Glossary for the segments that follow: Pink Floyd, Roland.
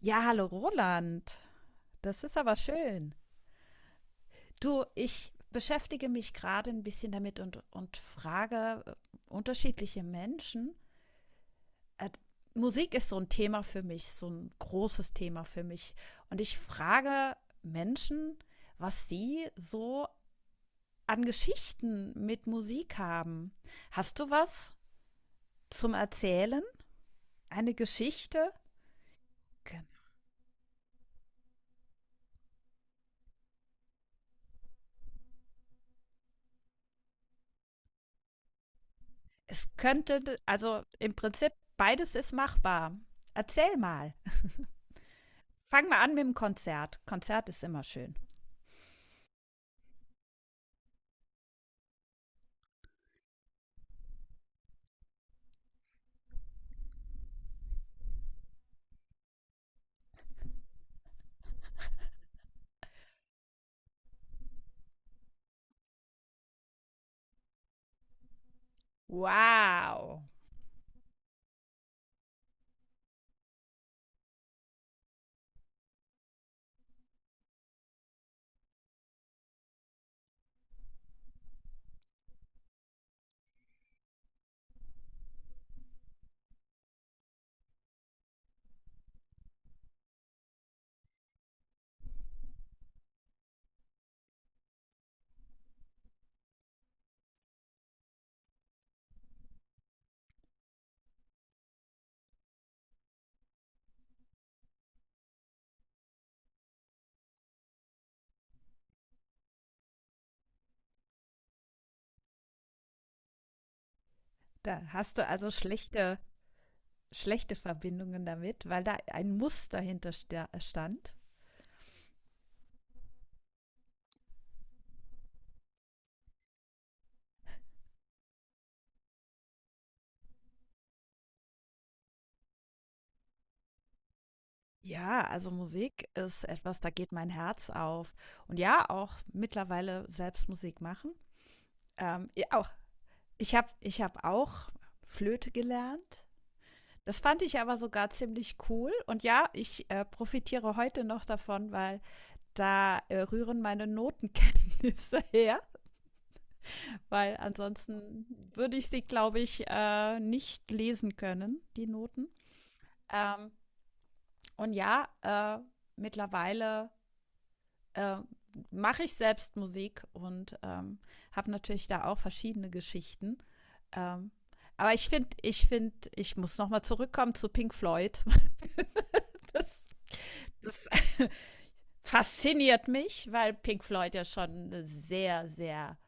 Ja, hallo Roland. Das ist aber schön. Du, ich beschäftige mich gerade ein bisschen damit und frage unterschiedliche Menschen. Äh, Musik ist so ein Thema für mich, so ein großes Thema für mich. Und ich frage Menschen, was sie so an Geschichten mit Musik haben. Hast du was zum Erzählen? Eine Geschichte? Gen- Es könnte, also im Prinzip, beides ist machbar. Erzähl mal. Fangen wir an mit dem Konzert. Konzert ist immer schön. Wow. Da hast du also schlechte Verbindungen damit, weil da ein Muster hinter stand. Ja, also Musik ist etwas, da geht mein Herz auf. Und ja, auch mittlerweile selbst Musik machen. Ja, auch, ich hab auch Flöte gelernt. Das fand ich aber sogar ziemlich cool. Und ja, ich profitiere heute noch davon, weil da rühren meine Notenkenntnisse her, weil ansonsten würde ich sie, glaube ich, nicht lesen können, die Noten. Ähm, und ja, äh, mittlerweile äh, mache ich selbst Musik und habe natürlich da auch verschiedene Geschichten. Ähm, aber ich finde, ich muss nochmal zurückkommen zu Pink Floyd. Das, das fasziniert mich, weil Pink Floyd ja schon eine sehr, sehr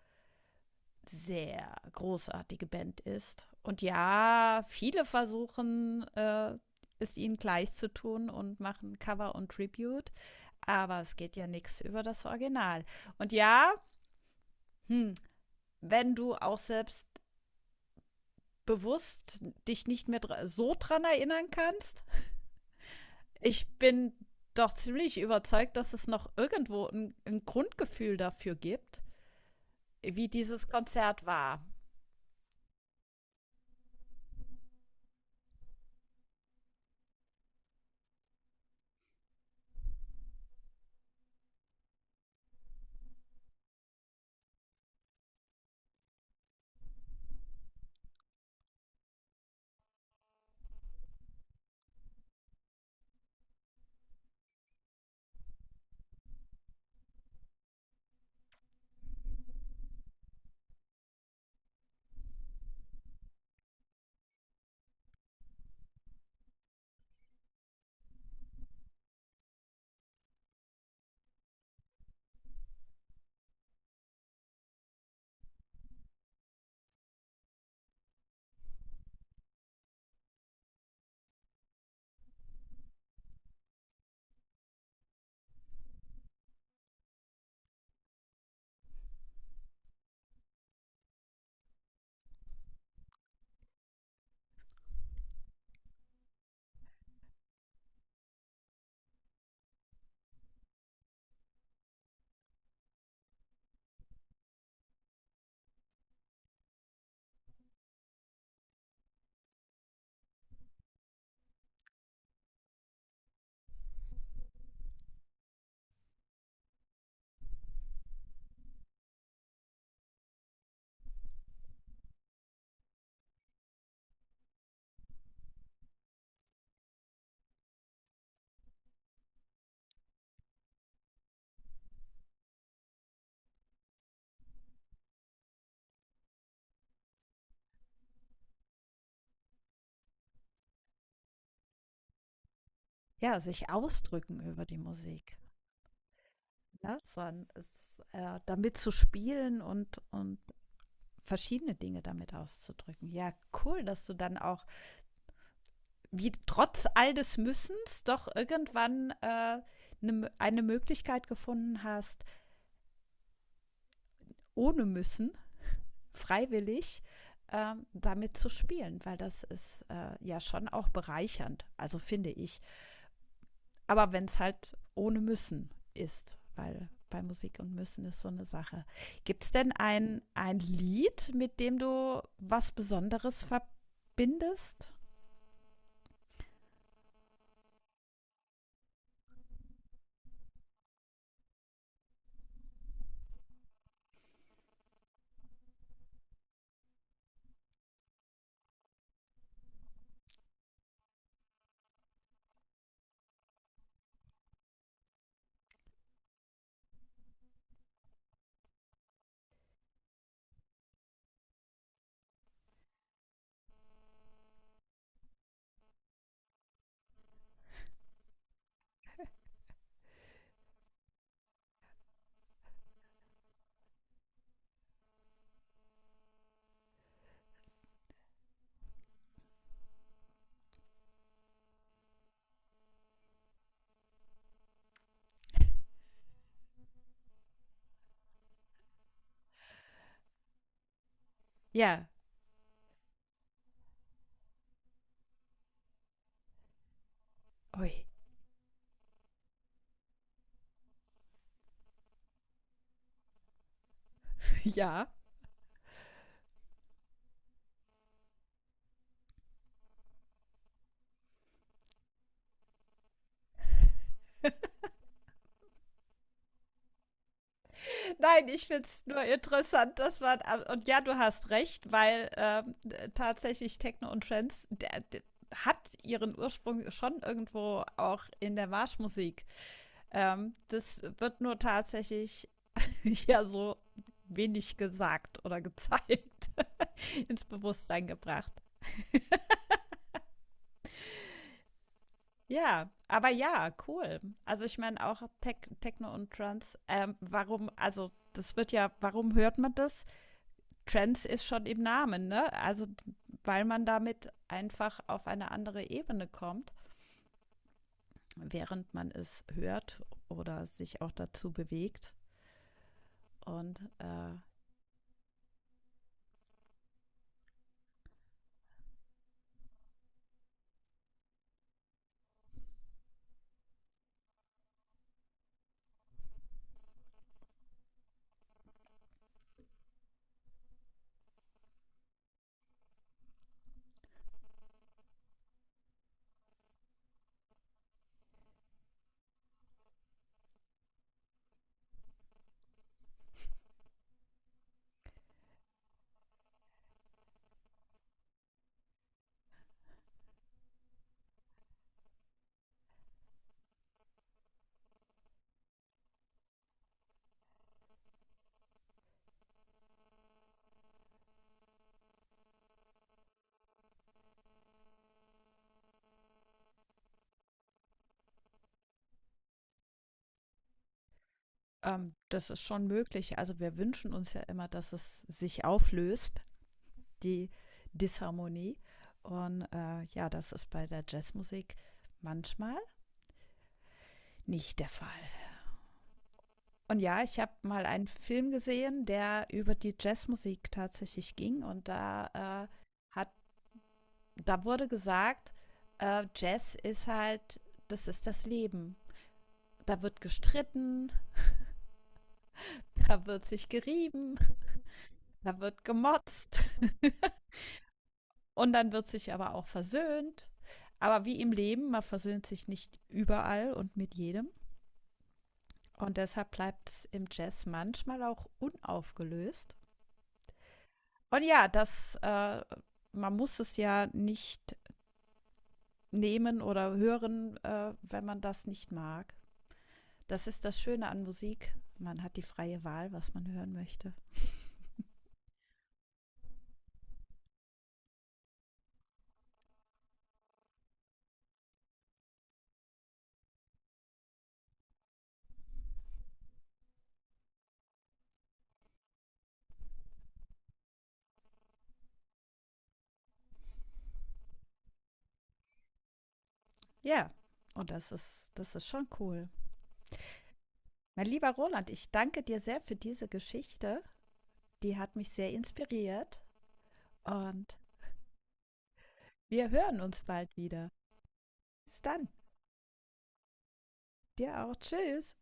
sehr großartige Band ist. Und ja, viele versuchen es ihnen gleich zu tun und machen Cover und Tribute, aber es geht ja nichts über das Original. Und ja, hm, wenn du auch selbst bewusst dich nicht mehr dr so dran erinnern kannst, ich bin doch ziemlich überzeugt, dass es noch irgendwo ein Grundgefühl dafür gibt, wie dieses Konzert war. Ja, sich ausdrücken über die Musik. Ne? Sondern es, damit zu spielen und verschiedene Dinge damit auszudrücken. Ja, cool, dass du dann auch, wie trotz all des Müssens, doch irgendwann ne, eine Möglichkeit gefunden hast, ohne Müssen, freiwillig, damit zu spielen, weil das ist ja schon auch bereichernd, also finde ich. Aber wenn es halt ohne müssen ist, weil bei Musik und müssen ist so eine Sache. Gibt es denn ein Lied, mit dem du was Besonderes verbindest? Ja. Ui. Ja. Nein, ich finde es nur interessant, dass man. Und ja, du hast recht, weil tatsächlich Techno und Trends der hat ihren Ursprung schon irgendwo auch in der Marschmusik. Das wird nur tatsächlich ja so wenig gesagt oder gezeigt, ins Bewusstsein gebracht. Ja, aber ja, cool. Also ich meine auch Techno und Trans, warum, also das wird ja, warum hört man das? Trans ist schon im Namen, ne? Also weil man damit einfach auf eine andere Ebene kommt, während man es hört oder sich auch dazu bewegt. Und äh, das ist schon möglich. Also wir wünschen uns ja immer, dass es sich auflöst, die Disharmonie. Und ja, das ist bei der Jazzmusik manchmal nicht der Fall. Und ja, ich habe mal einen Film gesehen, der über die Jazzmusik tatsächlich ging. Und hat, da wurde gesagt, Jazz ist halt, das ist das Leben. Da wird gestritten, da wird sich gerieben, da wird gemotzt und dann wird sich aber auch versöhnt. Aber wie im Leben, man versöhnt sich nicht überall und mit jedem. Und deshalb bleibt es im Jazz manchmal auch unaufgelöst. Und ja, man muss es ja nicht nehmen oder hören, wenn man das nicht mag. Das ist das Schöne an Musik. Man hat die freie Wahl, was man hören möchte. Ja, und das ist schon cool. Mein lieber Roland, ich danke dir sehr für diese Geschichte. Die hat mich sehr inspiriert. Und wir hören uns bald wieder. Bis dann. Dir auch. Tschüss.